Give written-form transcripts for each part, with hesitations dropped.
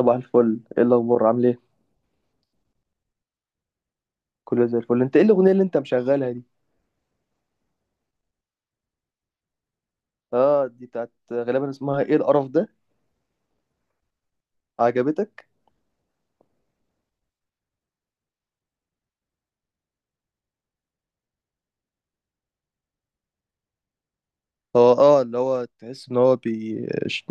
صباح الفل. ايه الاخبار؟ عامل ايه؟ كله زي الفل. انت ايه الاغنيه اللي انت مشغلها دي؟ اه، دي بتاعت غالبا اسمها ايه؟ القرف ده. عجبتك؟ هو اللي هو تحس ان هو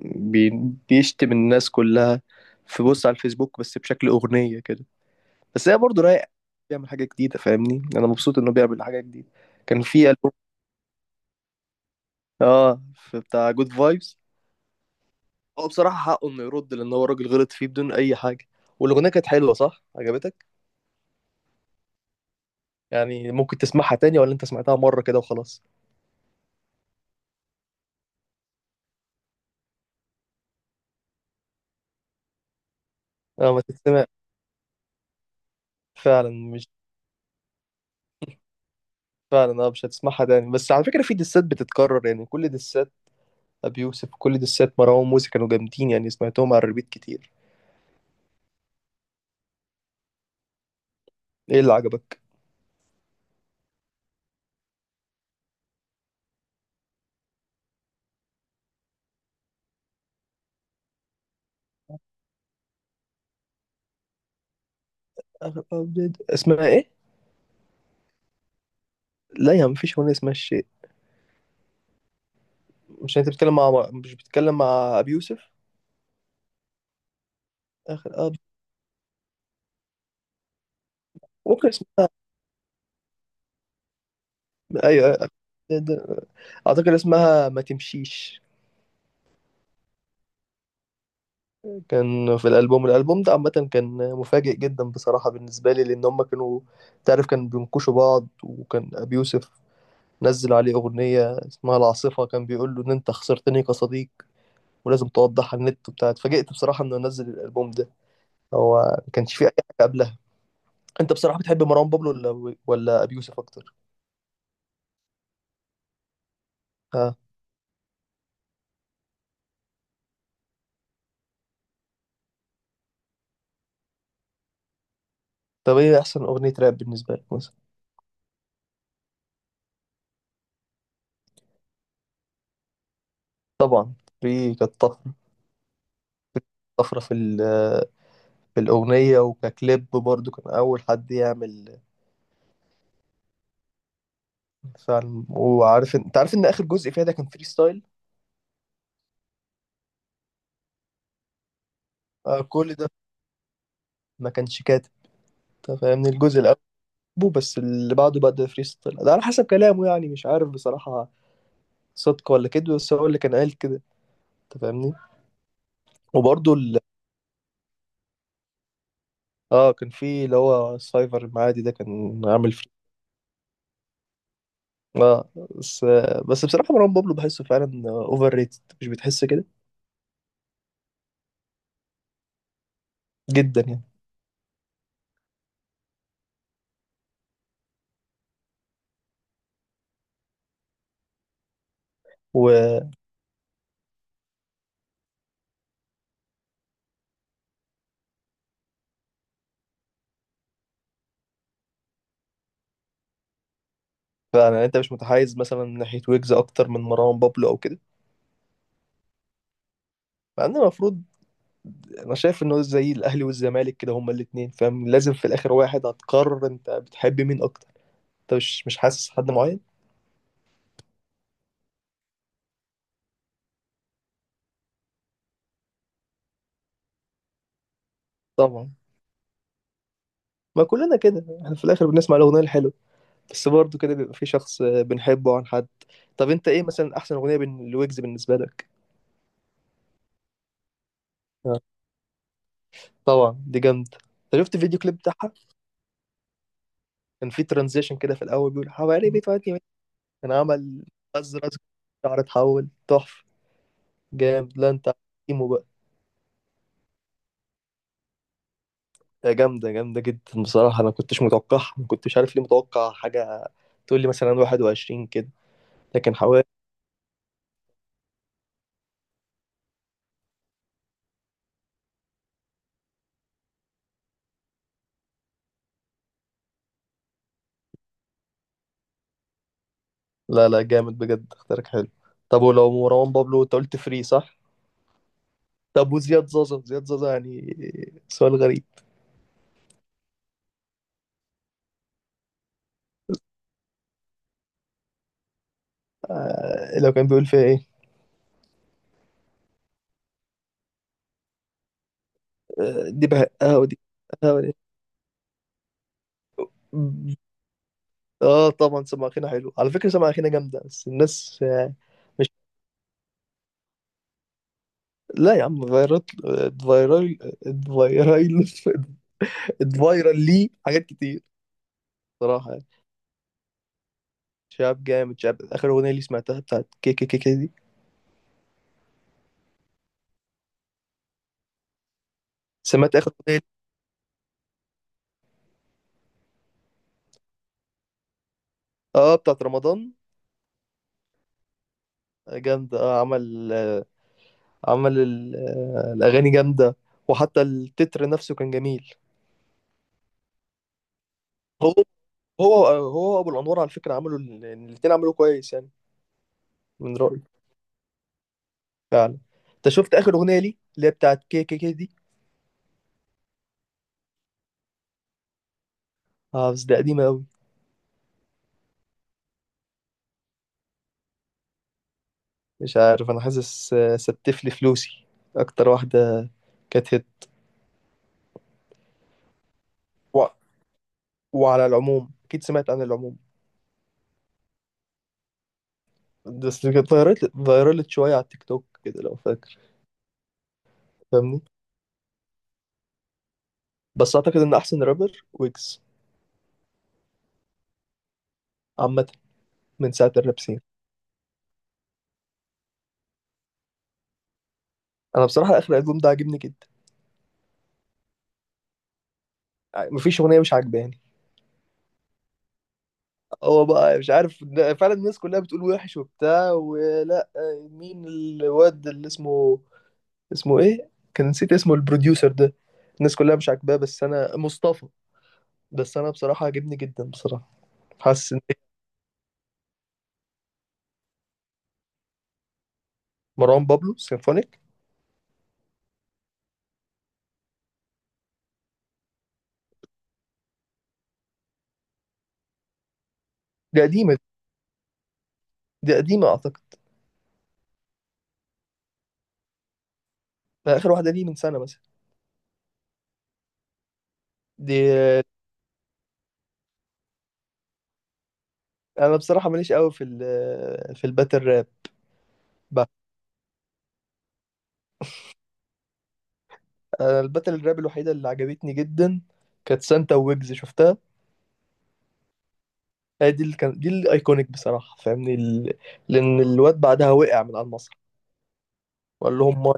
بي... بيشتم الناس كلها. في بص على الفيسبوك بس بشكل اغنيه كده. بس هي برضه رايق. بيعمل حاجه جديده، فاهمني، انا مبسوط انه بيعمل حاجه جديده. كان في ألبوم، اه في بتاع جود فايبس. هو بصراحه حقه انه يرد لان هو راجل غلط فيه بدون اي حاجه. والاغنيه كانت حلوه، صح؟ عجبتك؟ يعني ممكن تسمعها تاني ولا انت سمعتها مرة كده وخلاص؟ اه، ما تتسمع. فعلا مش. فعلا اه مش هتسمعها تاني، بس على فكرة في دسات بتتكرر، يعني كل دسات أبي يوسف وكل دسات مروان موسى كانوا جامدين، يعني سمعتهم على الريبيت كتير. ايه اللي عجبك؟ أغلب أبيض. اسمها ايه؟ لا يا عم، مفيش أغنية اسمها الشيء. مش بتتكلم مع أبي يوسف؟ آخر أب. ممكن اسمها. ايوه. أيوة. اعتقد اسمها ما تمشيش. كان في الالبوم ده عامه كان مفاجئ جدا بصراحه بالنسبه لي، لان هم كانوا، تعرف، كانوا بينكشوا بعض، وكان ابي يوسف نزل عليه اغنيه اسمها العاصفه كان بيقول له ان انت خسرتني كصديق ولازم توضح على النت وبتاع. اتفاجئت بصراحه انه نزل الالبوم ده. هو ما كانش فيه اي حاجه قبلها. انت بصراحه بتحب مروان بابلو ولا ابي يوسف اكتر؟ ها. طب ايه احسن اغنيه راب بالنسبه لك مثلا؟ طبعا. في كانت طفره. طفره في الاغنيه وككليب برضو، كان اول حد يعمل. فعلا، وعارف انت عارف ان اخر جزء فيها ده كان فري ستايل. آه، كل ده ما كانش كاتب، انت فاهمني، الجزء الاول. بس اللي بعده بقى ده فري ستايل، ده على حسب كلامه، يعني مش عارف بصراحة صدق ولا كده، بس هو اللي كان قال كده، انت فاهمني. وبرضه ال... اه، كان في اللي هو السايفر المعادي ده، كان عامل فري. اه. بس بس بصراحة مروان بابلو بحسه فعلا اوفر ريتد، مش بتحس كده؟ جدا يعني. وفعلا. يعني انت مش متحيز مثلا من ناحية ويجز اكتر من مروان بابلو او كده؟ مع ان المفروض، انا شايف انه زي الاهلي والزمالك كده، هما الاثنين، فاهم، لازم في الاخر واحد هتقرر انت بتحب مين اكتر. انت مش حاسس حد معين؟ طبعا. ما كلنا كده، احنا في الاخر بنسمع الاغنيه الحلوه، بس برضه كده بيبقى في شخص بنحبه عن حد. طب انت ايه مثلا احسن اغنيه بين لويجز بالنسبه لك؟ آه، طبعا دي جامده. انت شفت الفيديو كليب بتاعها؟ كان في ترانزيشن كده في الاول بيقول حواري بتودي وين؟ كان عمل رز رز، شعر اتحول تحفه. جامد، لا انت عارف. ده جامدة جامدة جدا بصراحة، أنا ما كنتش متوقعها، ما كنتش عارف ليه متوقع حاجة تقول لي مثلا 21 كده، لكن حوالي. لا لا، جامد بجد، اختيارك حلو. طب ولو مروان بابلو أنت قلت فري صح؟ طب وزياد زازا، زياد زازا يعني، سؤال غريب. آه، لو كان بيقول فيها إيه؟ آه، دي بهقها ودي. بهقها ودي. آه طبعا، سماخينا حلو، على فكرة سماخينا جامدة، بس الناس مش. لا يا عم، فيرال. فيرال. فيرال. فيرال لي حاجات كتير. صراحة يعني. شاب جامد، شاب اخر اغنيه لي سمعتها بتاعت كي كي كي كي دي. سمعت اخر اغنيه؟ اه، بتاعت رمضان. جامده، عمل عمل الاغاني جامده، وحتى التتر نفسه كان جميل. هو. هو ابو الانوار، على فكره عملوا ال- يعني الاتنين عملوا كويس يعني. من رايي. فعلا. انت شفت اخر اغنيه لي اللي هي بتاعت كي كي كي دي؟ اه، بس ده قديمه قوي. مش عارف، انا حاسس ستف لي فلوسي اكتر واحده كانت هيت. و... وعلى العموم، اكيد سمعت عن العموم، بس كانت فايرالت شوية على التيك توك كده، لو فاكر. فاهمني. بس أعتقد إن أحسن رابر ويجز، عامة، من ساعة الراب سين. أنا بصراحة آخر ألبوم ده عاجبني جدا، يعني مفيش أغنية مش عاجباني. هو بقى مش عارف، فعلا الناس كلها بتقول وحش وبتاع ولا. مين الواد اللي اسمه، اسمه إيه؟ كان نسيت اسمه البروديوسر ده، الناس كلها مش عاجباه بس أنا مصطفى، بس أنا بصراحة عاجبني جدا بصراحة. حاسس إن مروان بابلو سيمفونيك. دي قديمة. دي قديمة أعتقد. آخر واحدة ليه، من سنة مثلا؟ دي انا بصراحه ماليش قوي في الباتل راب بقى. انا الباتل الراب الوحيده اللي عجبتني جدا كانت سانتا ويجز، شفتها؟ هي دي اللي كان، دي الايكونيك بصراحه، فاهمني ال... لان الواد بعدها وقع من على المسرح، وقال لهم ماي،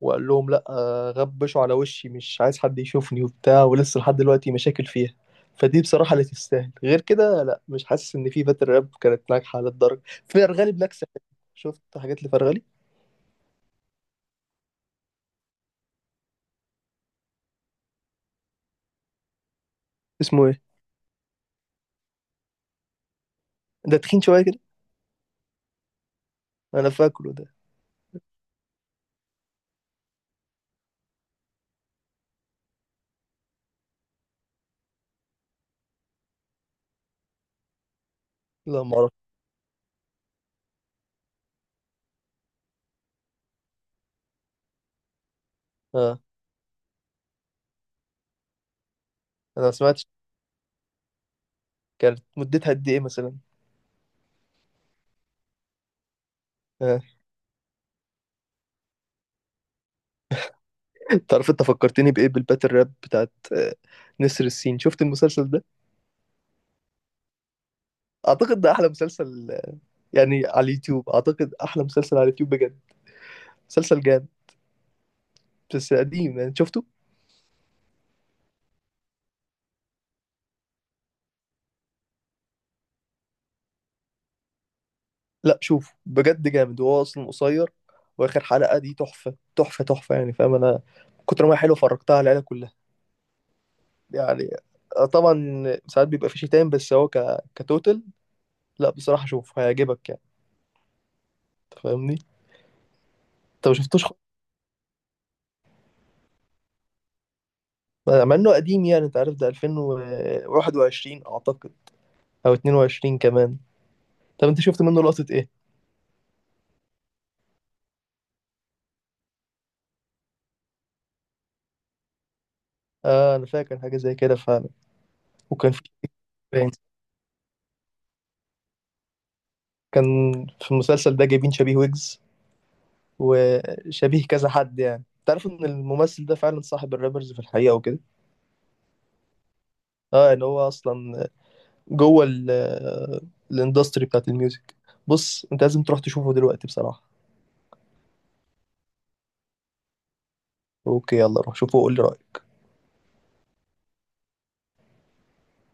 وقال لهم لا، غبشوا على وشي، مش عايز حد يشوفني وبتاع، ولسه لحد دلوقتي مشاكل فيها. فدي بصراحه اللي تستاهل، غير كده لا، مش حاسس ان في باتل راب كانت ناجحه للدرجه. فرغلي بلاك ساباث، شفت حاجات لفرغلي. اسمه ايه؟ ده تخين شويه كده، انا فاكره ده. لا ما اعرف. اه. انا ما سمعتش. كانت مدتها قد ايه مثلا؟ اه. تعرف انت فكرتني بايه؟ بالباتل راب بتاعت نسر السين، شفت المسلسل ده؟ اعتقد ده احلى مسلسل، يعني على اليوتيوب، اعتقد احلى مسلسل على اليوتيوب بجد. مسلسل جامد، بس قديم يعني، شفته؟ لا شوفه، بجد جامد، وهو اصلا قصير. واخر حلقة دي تحفة تحفة تحفة يعني، فاهم؟ انا من كتر ما هي حلوه فرجتها على العيلة كلها يعني. طبعا ساعات بيبقى في شتايم، بس هو كتوتل. لا بصراحة شوف هيعجبك يعني، أنت فاهمني. انت ما شفتوش؟ مع انه قديم يعني، انت عارف ده 2021 اعتقد، او 22 كمان. طب انت شفت منه لقطة ايه؟ اه انا فاكر حاجة زي كده فعلا. وكان في كان في المسلسل ده جايبين شبيه ويجز وشبيه كذا حد، يعني تعرف ان الممثل ده فعلا صاحب الرابرز في الحقيقة وكده. اه، ان هو اصلا جوه الاندستري بتاعت الميوزك. بص، انت لازم تروح تشوفه دلوقتي بصراحة. اوكي، يلا روح شوفه وقول لي رأيك.